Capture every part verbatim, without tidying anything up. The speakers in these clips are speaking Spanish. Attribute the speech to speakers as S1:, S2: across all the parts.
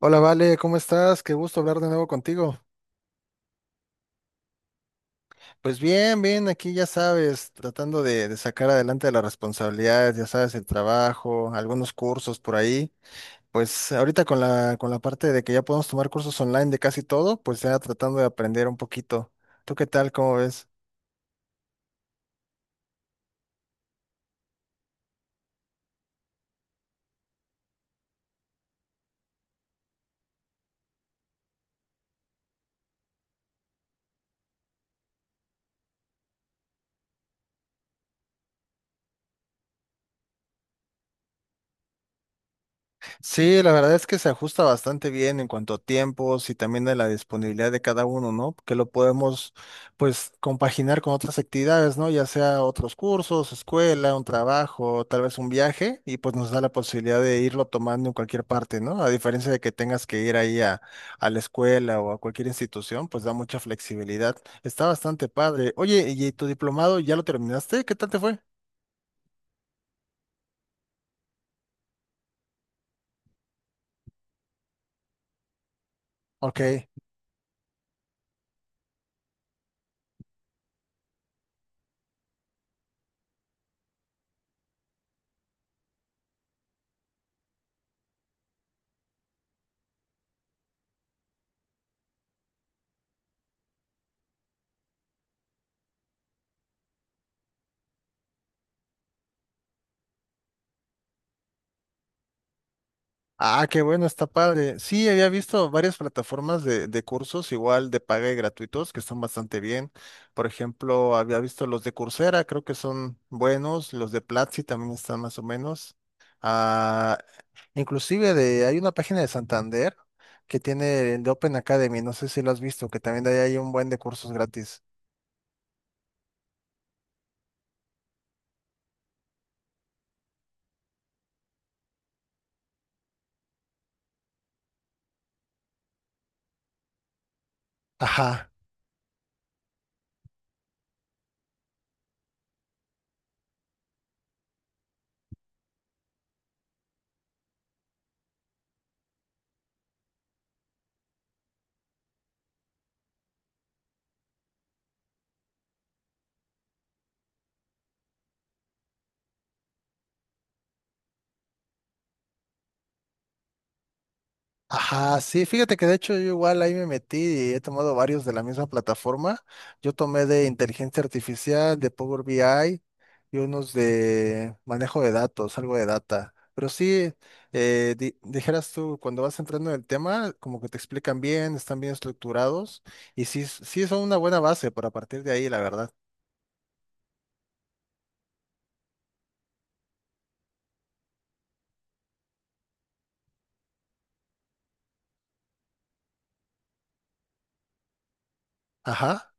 S1: Hola, Vale, ¿cómo estás? Qué gusto hablar de nuevo contigo. Pues bien, bien, aquí ya sabes, tratando de, de sacar adelante las responsabilidades, ya sabes, el trabajo, algunos cursos por ahí. Pues ahorita con la, con la parte de que ya podemos tomar cursos online de casi todo, pues ya tratando de aprender un poquito. ¿Tú qué tal? ¿Cómo ves? Sí, la verdad es que se ajusta bastante bien en cuanto a tiempos y también de la disponibilidad de cada uno, ¿no? Que lo podemos, pues, compaginar con otras actividades, ¿no? Ya sea otros cursos, escuela, un trabajo, tal vez un viaje, y pues nos da la posibilidad de irlo tomando en cualquier parte, ¿no? A diferencia de que tengas que ir ahí a, a la escuela o a cualquier institución, pues da mucha flexibilidad. Está bastante padre. Oye, ¿y tu diplomado ya lo terminaste? ¿Qué tal te fue? Ok. Ah, qué bueno, está padre. Sí, había visto varias plataformas de, de cursos, igual de paga y gratuitos, que están bastante bien. Por ejemplo, había visto los de Coursera, creo que son buenos, los de Platzi también están más o menos. Ah, inclusive de, hay una página de Santander que tiene el de Open Academy, no sé si lo has visto, que también de ahí hay un buen de cursos gratis. Ajá. Ajá, sí, fíjate que de hecho yo igual ahí me metí y he tomado varios de la misma plataforma. Yo tomé de inteligencia artificial, de Power B I y unos de manejo de datos, algo de data. Pero sí, eh, di- dijeras tú, cuando vas entrando en el tema, como que te explican bien, están bien estructurados y sí, sí son una buena base para partir de ahí, la verdad. Ajá.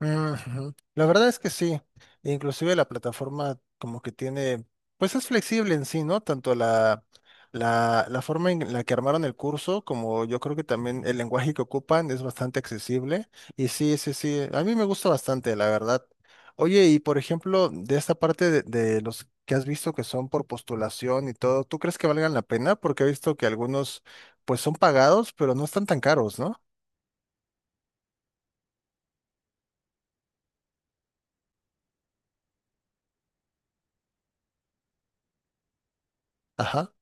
S1: Ujú. La verdad es que sí. Inclusive la plataforma como que tiene, pues es flexible en sí, ¿no? Tanto la, la, la forma en la que armaron el curso como yo creo que también el lenguaje que ocupan es bastante accesible. Y sí, sí, sí, a mí me gusta bastante, la verdad. Oye, y por ejemplo, de esta parte de, de los que has visto que son por postulación y todo, ¿tú crees que valgan la pena? Porque he visto que algunos pues son pagados, pero no están tan caros, ¿no? Ajá.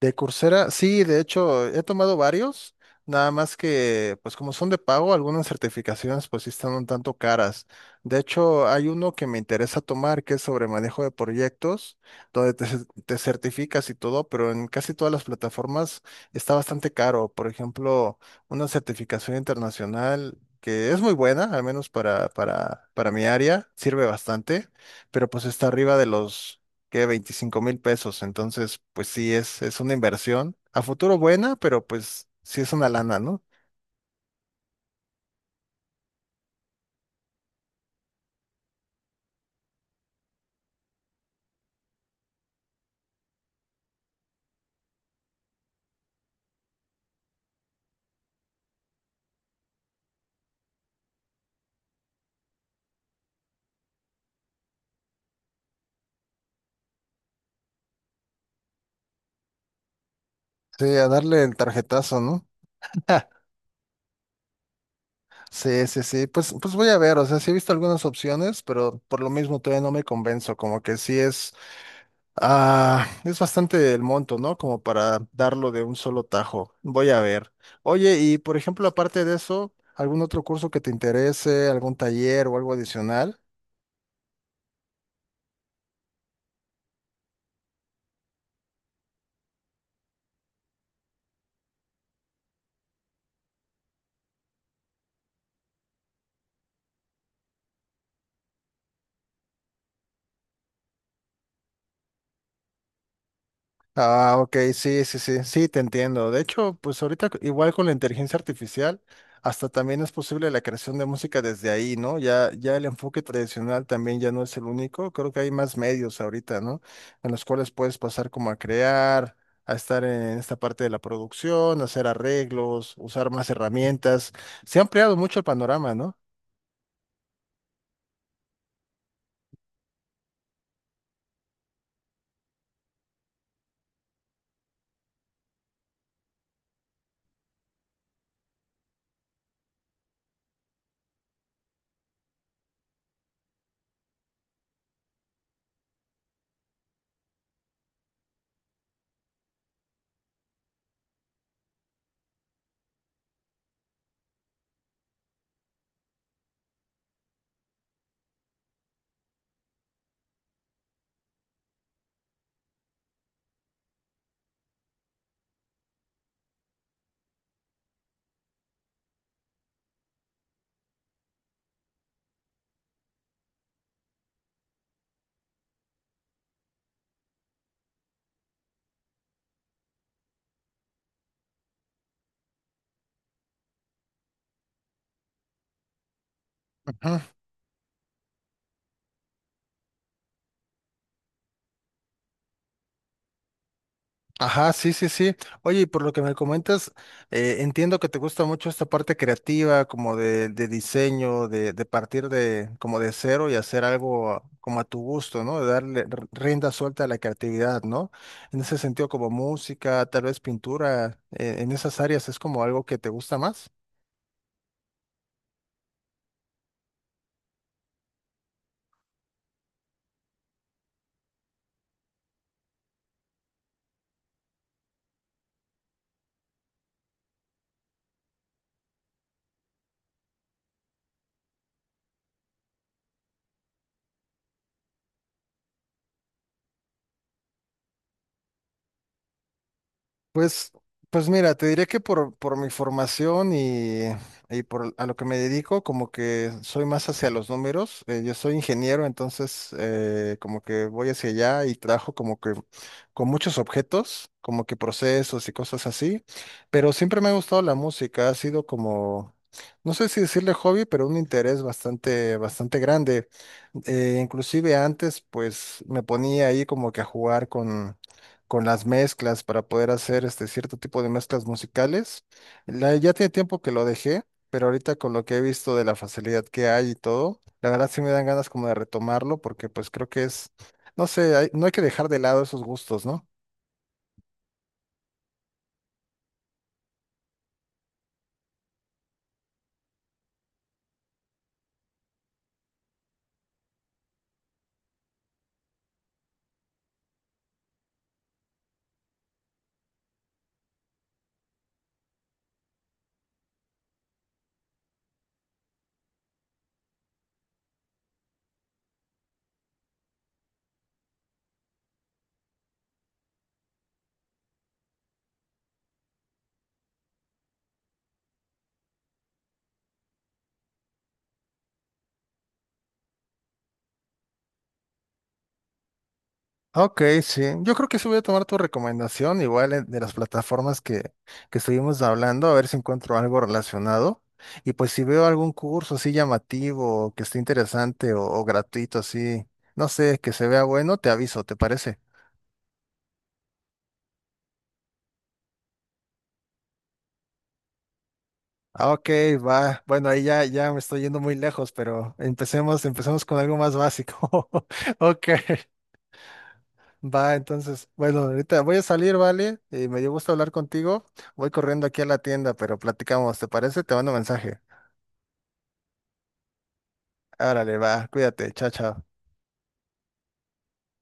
S1: De Coursera, sí, de hecho, he tomado varios, nada más que, pues como son de pago, algunas certificaciones pues sí están un tanto caras. De hecho, hay uno que me interesa tomar que es sobre manejo de proyectos, donde te, cer- te certificas y todo, pero en casi todas las plataformas está bastante caro. Por ejemplo, una certificación internacional que es muy buena, al menos para, para, para mi área, sirve bastante, pero pues está arriba de los que veinticinco mil pesos. Entonces, pues sí, es, es una inversión a futuro buena, pero pues sí es una lana, ¿no? Sí, a darle el tarjetazo, ¿no? sí, sí, sí. Pues, pues voy a ver, o sea, sí he visto algunas opciones, pero por lo mismo todavía no me convenzo, como que sí es, ah, es bastante el monto, ¿no? Como para darlo de un solo tajo. Voy a ver. Oye, y por ejemplo, aparte de eso, ¿algún otro curso que te interese, algún taller o algo adicional? Ah, ok, sí, sí, sí, sí, te entiendo. De hecho, pues ahorita c- igual con la inteligencia artificial, hasta también es posible la creación de música desde ahí, ¿no? Ya, ya el enfoque tradicional también ya no es el único. Creo que hay más medios ahorita, ¿no? En los cuales puedes pasar como a crear, a estar en esta parte de la producción, hacer arreglos, usar más herramientas. Se ha ampliado mucho el panorama, ¿no? Ajá, sí, sí, sí. Oye, y por lo que me comentas, eh, entiendo que te gusta mucho esta parte creativa, como de, de diseño, de, de partir de, como de cero y hacer algo a- como a tu gusto, ¿no? De darle r- rienda suelta a la creatividad, ¿no? En ese sentido, como música, tal vez pintura, eh, en esas áreas es como algo que te gusta más. Pues, pues mira, te diré que por, por mi formación y, y por a lo que me dedico, como que soy más hacia los números. Eh, yo soy ingeniero, entonces eh, como que voy hacia allá y trabajo como que con muchos objetos, como que procesos y cosas así. Pero siempre me ha gustado la música, ha sido como, no sé si decirle hobby, pero un interés bastante, bastante grande. Eh, inclusive antes, pues me ponía ahí como que a jugar con con las mezclas para poder hacer este cierto tipo de mezclas musicales. La- ya tiene tiempo que lo dejé, pero ahorita con lo que he visto de la facilidad que hay y todo, la verdad sí me dan ganas como de retomarlo porque pues creo que es, no sé, hay- no hay que dejar de lado esos gustos, ¿no? Ok, sí. Yo creo que sí voy a tomar tu recomendación, igual en- de las plataformas que, que estuvimos hablando, a ver si encuentro algo relacionado. Y pues si veo algún curso así llamativo, o que esté interesante o, o gratuito, así, no sé, que se vea bueno, te aviso, ¿te parece? Ah, Ok, va. Bueno, ahí ya, ya me estoy yendo muy lejos, pero empecemos, empecemos con algo más básico. Ok. Va, entonces, bueno, ahorita voy a salir, ¿vale? Y me dio gusto hablar contigo. Voy corriendo aquí a la tienda, pero platicamos, ¿te parece? Te mando mensaje. Árale, va, cuídate, chao, chao.